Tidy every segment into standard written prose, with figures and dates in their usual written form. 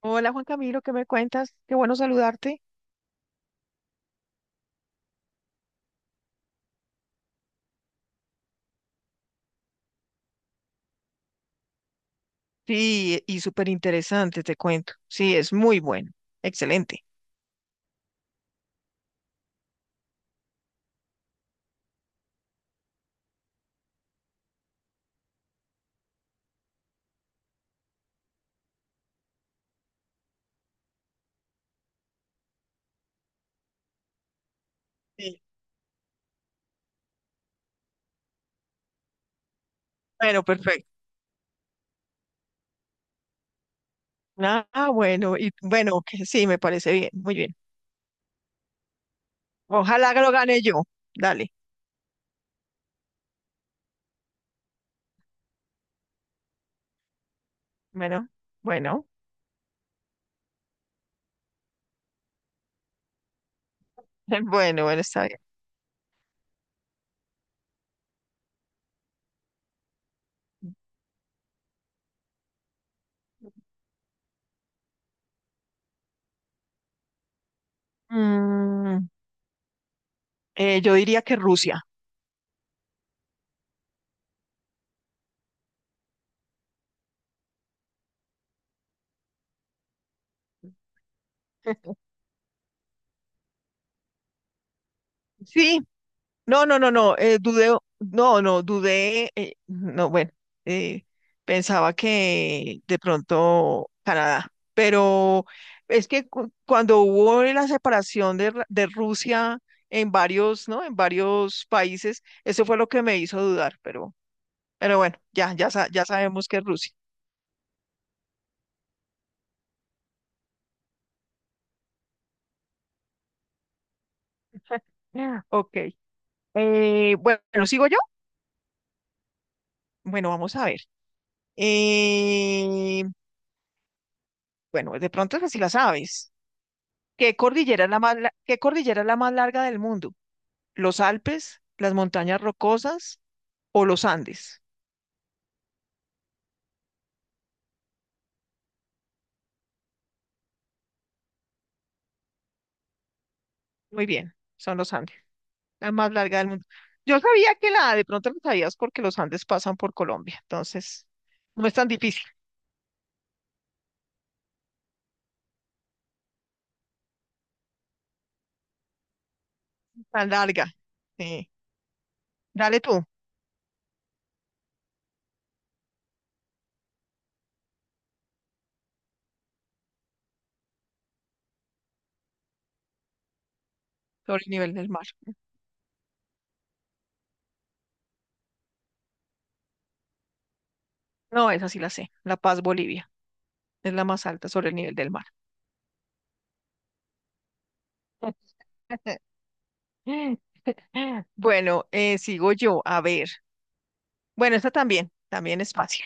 Hola Juan Camilo, ¿qué me cuentas? Qué bueno saludarte. Sí, y súper interesante, te cuento. Sí, es muy bueno. Excelente. Sí. Bueno, perfecto. Ah, ah, bueno, y bueno, que sí, me parece bien, muy bien. Ojalá que lo gane yo. Dale. Bueno, bueno, bueno, bueno, está bien. Mm, yo diría que Rusia. Sí, no, no, no, no, dudé, no, no, dudé, no, bueno, eh, pensaba que de pronto Canadá, pero es que cuando hubo la separación de, de Rusia en varios, ¿no? En varios países, eso fue lo que me hizo dudar, pero bueno, ya, ya, ya sabemos que es Rusia. Ah, ok, bueno, ¿sigo yo? Bueno, vamos a ver. Eh, bueno, de pronto es si la sabes. ¿Qué cordillera es la más larga del mundo? ¿Los Alpes, las montañas rocosas o los Andes? Muy bien, son los Andes, la más larga del mundo. Yo sabía que la de pronto lo sabías porque los Andes pasan por Colombia, entonces no es tan difícil, tan larga. Sí. Dale tú, sobre el nivel del mar. No, esa sí la sé, La Paz, Bolivia, es la más alta sobre el nivel del mar. Bueno, sigo yo, a ver. Bueno, esta también es fácil.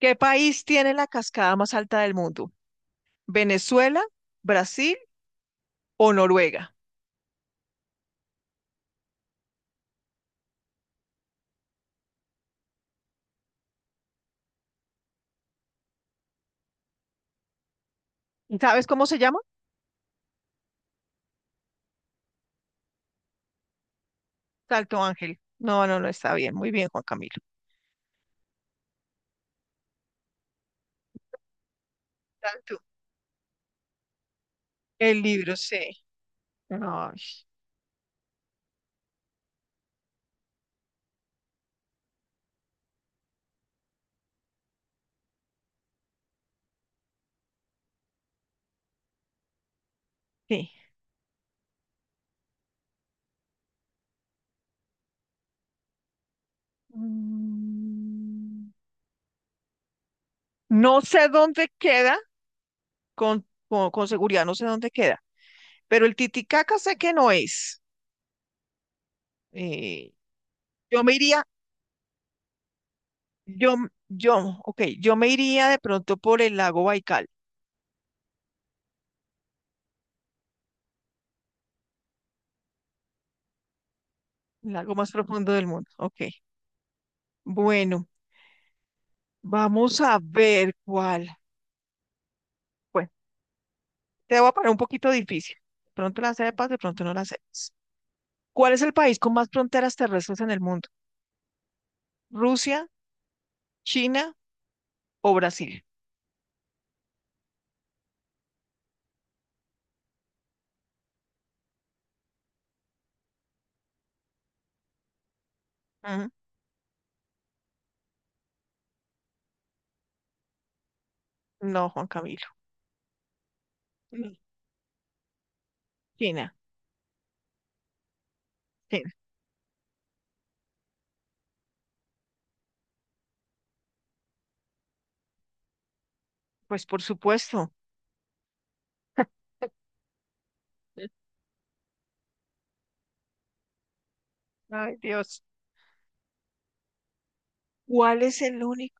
¿Qué país tiene la cascada más alta del mundo? ¿Venezuela, Brasil o Noruega? ¿Sabes cómo se llama? Salto Ángel. No, no, no está bien. Muy bien, Juan Camilo. Salto. El libro, sí. Ay, sí. Mm, no sé dónde queda, con seguridad no sé dónde queda, pero el Titicaca sé que no es. Eh, yo me iría, yo, yo, ok, yo me iría de pronto por el lago Baikal, el lago más profundo del mundo. Ok, bueno. Vamos a ver cuál. Bueno, te voy a poner un poquito difícil. De pronto la sepas, de pronto no la sepas. ¿Cuál es el país con más fronteras terrestres en el mundo? ¿Rusia, China o Brasil? Ujú. No, Juan Camilo. No. China, China. Pues por supuesto. Sí. Ay, Dios. ¿Cuál es el único?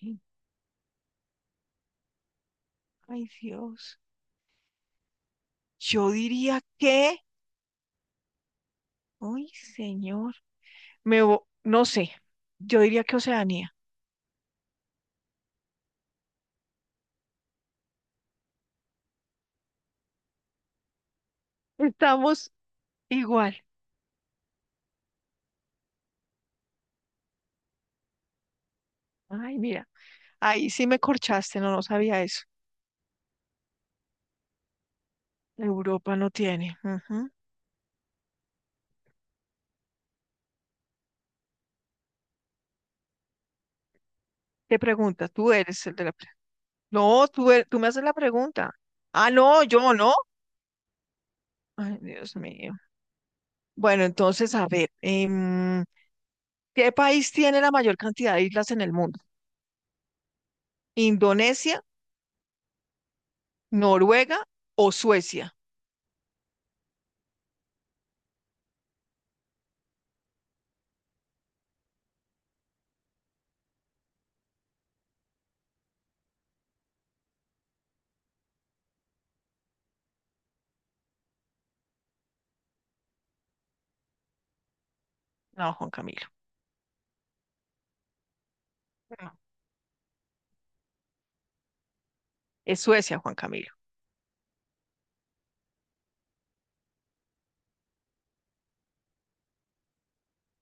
Sí. Ay, Dios. Yo diría que. Ay, señor. No sé. Yo diría que Oceanía. Estamos igual. Ay, mira. Ahí sí me corchaste, no, no sabía eso. Europa no tiene. Ujú. ¿Qué pregunta? Tú eres el de la. No, tú me haces la pregunta. Ah, no, yo no. Ay, Dios mío. Bueno, entonces, a ver, em, ¿qué país tiene la mayor cantidad de islas en el mundo? ¿Indonesia, Noruega o Suecia? No, Juan Camilo. No. Es Suecia, Juan Camilo.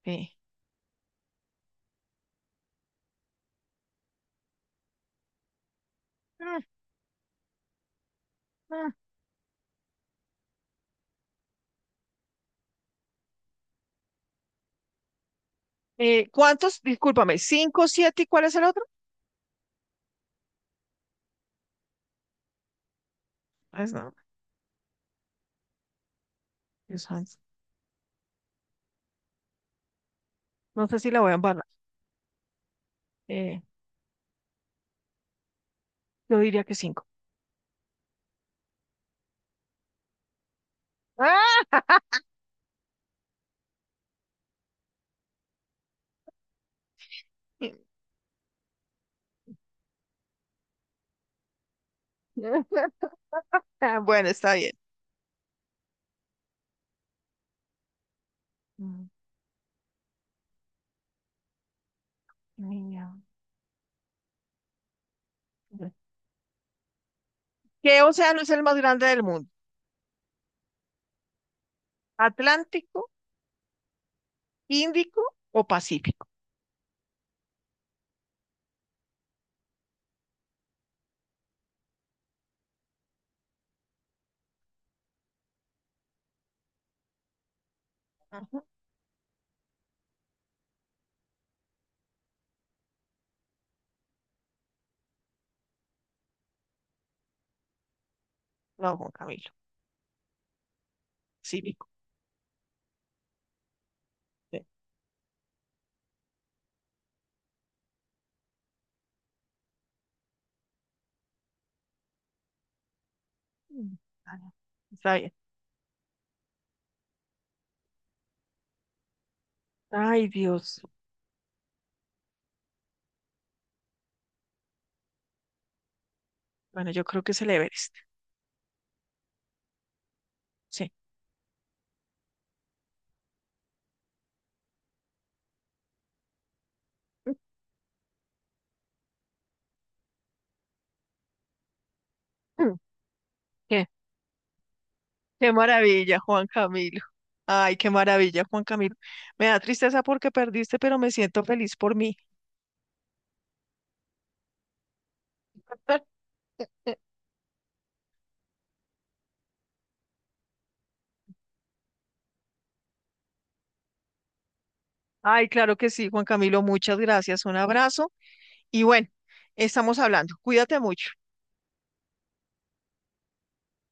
Sí. Mm, mm. ¿Cuántos? Discúlpame, ¿cinco, siete y cuál es el otro? Pues no, Dios santo. No sé si la voy a embarrar. Eh, Yo diría que cinco. Ah, bueno, está bien. Mm, niña. ¿Qué océano es el más grande del mundo? ¿Atlántico, Índico o Pacífico? Ajá. No, Juan Camilo. Pacífico. Sí, mm, vale. Está bien. Ay, Dios. Bueno, yo creo que es el Everest. Sí. Mm, ¿qué? Qué maravilla, Juan Camilo. Ay, qué maravilla, Juan Camilo. Me da tristeza porque perdiste, pero me siento feliz por mí. Ay, claro que sí, Juan Camilo. Muchas gracias. Un abrazo. Y bueno, estamos hablando. Cuídate mucho.